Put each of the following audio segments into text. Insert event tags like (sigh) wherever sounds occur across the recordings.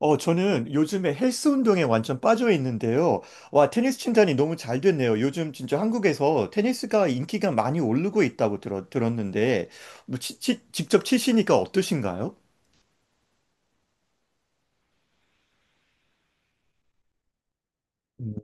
저는 요즘에 헬스 운동에 완전 빠져 있는데요. 와, 테니스 친단이 너무 잘 됐네요. 요즘 진짜 한국에서 테니스가 인기가 많이 오르고 있다고 들었는데, 직접 치시니까 어떠신가요? 음.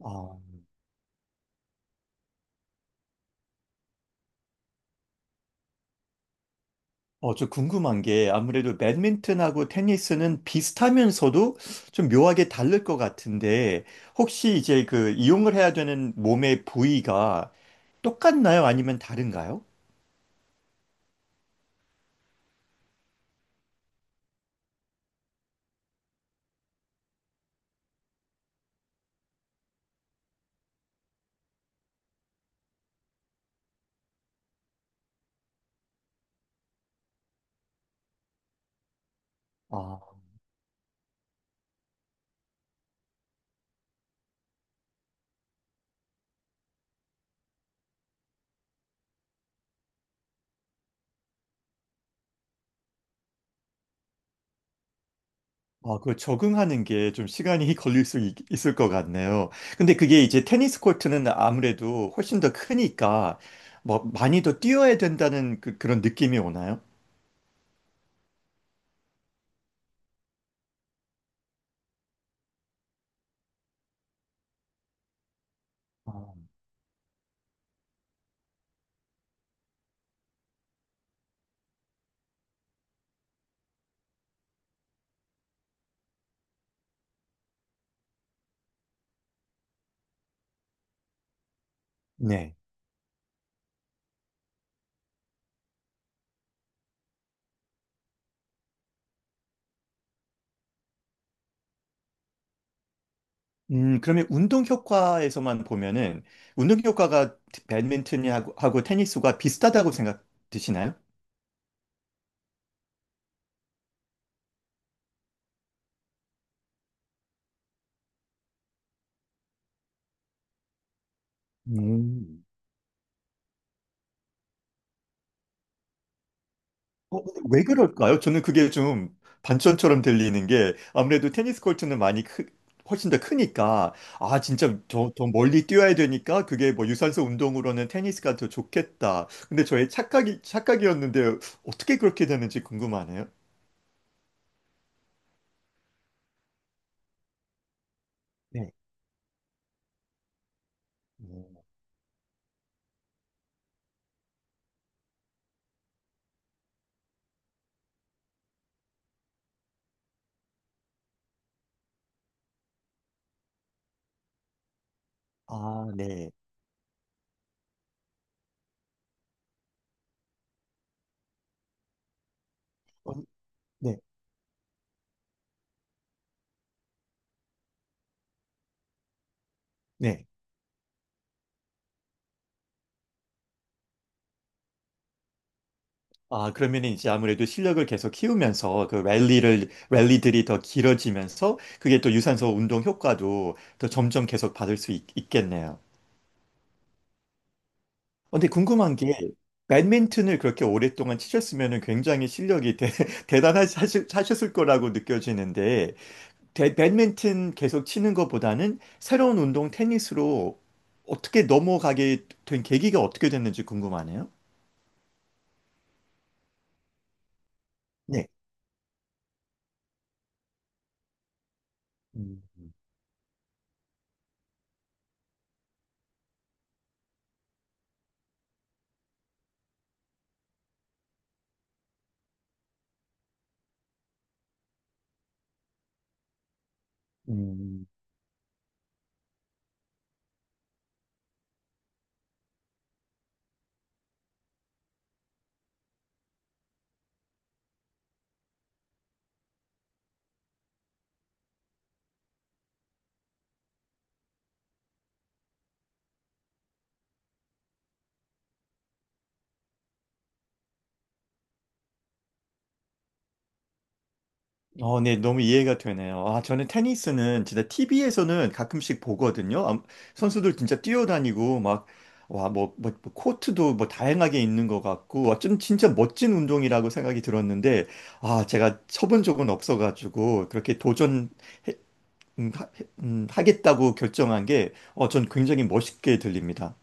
아, 저 궁금한 게 아무래도 배드민턴하고 테니스는 비슷하면서도 좀 묘하게 다를 것 같은데, 혹시 이제 그 이용을 해야 되는 몸의 부위가 똑같나요? 아니면 다른가요? 아, 그 적응하는 게 좀 시간이 (laughs) 을것 같네요. 근데 그게 이제 테니스 코트는 아무래도 훨씬 더 크니까 뭐 많이 더 뛰어야 된다는 런 느낌이 오나요? 아. 네. 그러면 운동 효과에서만 보면은 운동 효과가 배드민턴하고 하고 테니스가 비슷하다고 생각 드시나요? 음. 어, 근데 왜 그럴까요? 저는 그게 좀 반전처럼 들리는 게 아무래도 테니스 코트는 훨씬 더 크니까 아 진짜 더 멀리 뛰어야 되니까 그게 뭐 유산소 운동으로는 테니스가 더 좋겠다. 근데 저의 착각이었는데 어떻게 그렇게 되는지 궁금하네요. 네. 음, 아, 네. 어, 네. 네. 아, 그러면 이제 아무래도 실력을 계속 키우면서 그 랠리를 랠리들이 더 길어지면서 그게 또 유산소 운동 효과도 더 점점 계속 있겠네요. 근데 궁금한 게 배드민턴을 그렇게 오랫동안 치셨으면 굉장히 실력이 (laughs) 대단하셨을 거라고 느껴지는데 배드민턴 계속 치는 것보다는 새로운 운동 테니스로 어떻게 넘어가게 된 계기가 어떻게 됐는지 궁금하네요. 네. 음, 음. 어, 네, 너무 이해가 되네요. 아, 저는 테니스는 진짜 TV에서는 가끔씩 보거든요. 아, 선수들 진짜 뛰어다니고 막, 와, 뭐 코트도 뭐 다양하게 있는 것 같고, 와, 좀 진짜 멋진 운동이라고 생각이 들었는데, 아, 제가 쳐본 적은 없어가지고, 음, 하, 하겠다고 결정한 게, 어, 전 굉장히 멋있게 들립니다.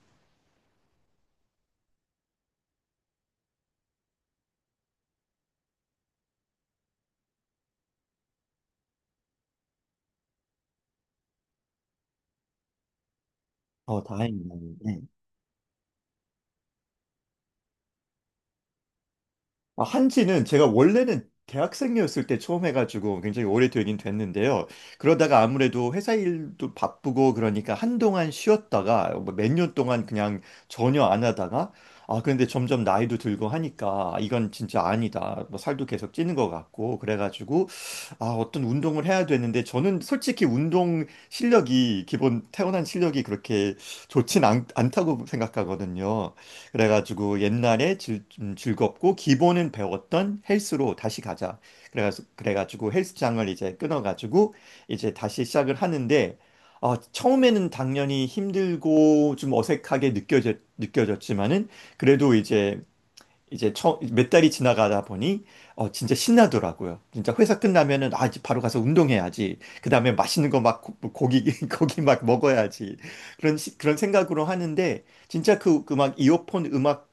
어, 다행입니다. 네. 아, 한지는 제가 원래는 대학생이었을 때 처음 해가지고 굉장히 오래되긴 됐는데요. 그러다가 아무래도 회사 일도 바쁘고 그러니까 한동안 쉬었다가 뭐 몇년 동안 그냥 전혀 안 하다가 아, 근데 점점 나이도 들고 하니까 이건 진짜 아니다. 뭐 살도 계속 찌는 것 같고 그래가지고 아, 어떤 운동을 해야 되는데 저는 솔직히 운동 실력이 기본 태어난 실력이 않다고 생각하거든요. 그래가지고 옛날에 즐겁고 기본은 배웠던 헬스로 다시 가자. 그래가지고 헬스장을 이제 끊어가지고 이제 다시 시작을 하는데 어, 처음에는 당연히 힘들고 좀 느껴졌지만은 그래도 이제 몇 달이 지나가다 보니 어, 진짜 신나더라고요. 진짜 회사 끝나면은 아, 이제 바로 가서 운동해야지. 그다음에 맛있는 거 막 고기 (laughs) 고기 막 먹어야지. 그런 생각으로 하는데 진짜 그 음악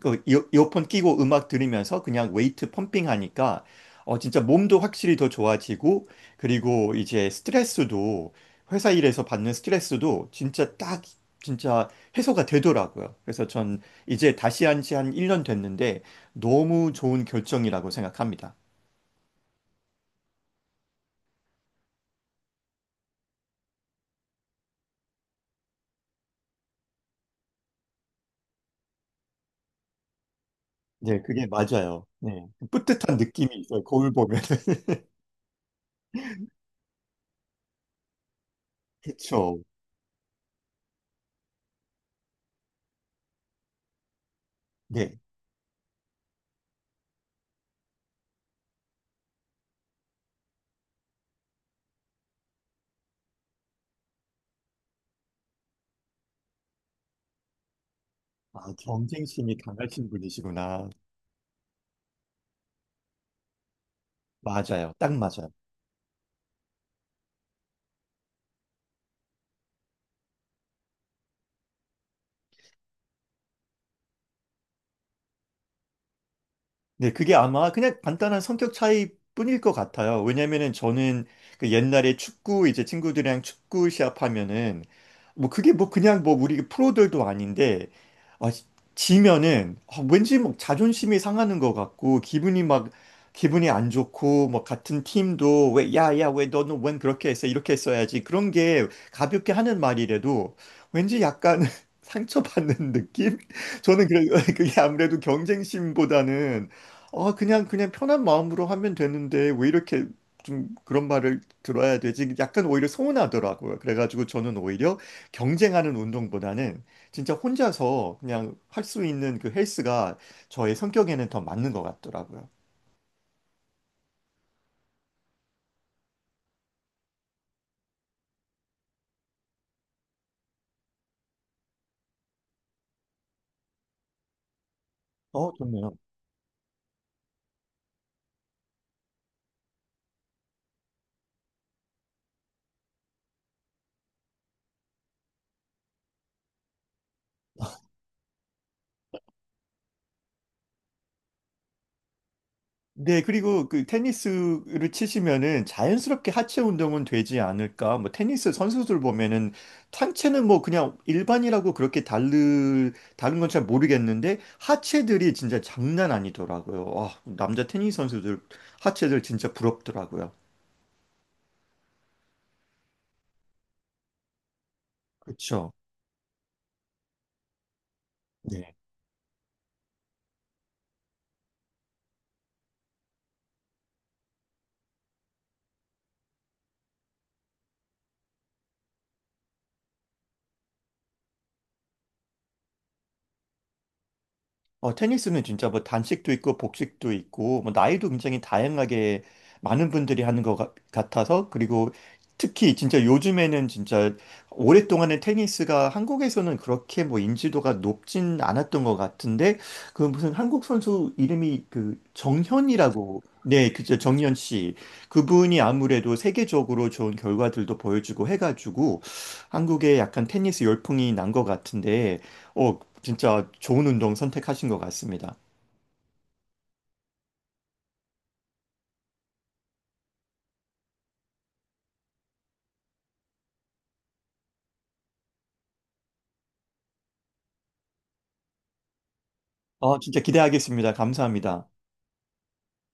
이어폰 끼고 음악 들으면서 그냥 웨이트 펌핑 하니까 어 진짜 몸도 확실히 더 좋아지고 그리고 이제 스트레스도 회사 일에서 받는 스트레스도 진짜 딱 진짜 해소가 되더라고요. 그래서 전 이제 다시 한지 한 1년 됐는데 너무 좋은 결정이라고 생각합니다. 네, 그게 맞아요. 네. 뿌듯한 느낌이 있어요. 거울 보면은. (laughs) 그쵸. 네. 아, 경쟁심이 강하신 분이시구나. 맞아요. 딱 맞아요. 네, 그게 아마 그냥 간단한 성격 차이뿐일 것 같아요. 왜냐면은 저는 그 옛날에 축구 이제 친구들이랑 축구 시합하면은 뭐 그게 뭐 그냥 뭐 우리 프로들도 아닌데 아, 지- 지면은 아, 왠지 막 자존심이 상하는 것 같고 기분이 안 좋고 뭐 같은 팀도 왜 야야 왜 너는 웬 그렇게 했어 이렇게 했어야지 그런 게 가볍게 하는 말이라도 왠지 약간 (laughs) 상처받는 느낌? 저는 그래, (laughs) 그게 아무래도 경쟁심보다는 그냥 편한 마음으로 하면 되는데, 왜 이렇게 좀 그런 말을 들어야 되지? 약간 오히려 서운하더라고요. 그래가지고 저는 오히려 경쟁하는 운동보다는 진짜 혼자서 그냥 할 수 있는 그 헬스가 저의 성격에는 더 맞는 것 같더라고요. 어, 좋네요. 네, 그리고 그 테니스를 치시면은 자연스럽게 하체 운동은 되지 않을까? 뭐 테니스 선수들 보면은 상체는 뭐 그냥 일반이라고 그렇게 다른 건 잘 모르겠는데 하체들이 진짜 장난 아니더라고요. 아, 남자 테니스 선수들 하체들 진짜 부럽더라고요. 그렇죠. 어, 테니스는 진짜 뭐 단식도 있고 복식도 있고 뭐 나이도 굉장히 다양하게 많은 분들이 하는 같아서 그리고 특히 진짜 요즘에는 진짜 오랫동안은 테니스가 한국에서는 그렇게 뭐 인지도가 높진 않았던 것 같은데 그 무슨 한국 선수 이름이 그 정현이라고 네, 그죠 정현 씨 그분이 아무래도 세계적으로 좋은 결과들도 보여주고 해가지고 한국에 약간 테니스 열풍이 난 것 같은데. 어, 진짜 좋은 운동 선택하신 것 같습니다. 어, 진짜 기대하겠습니다. 감사합니다.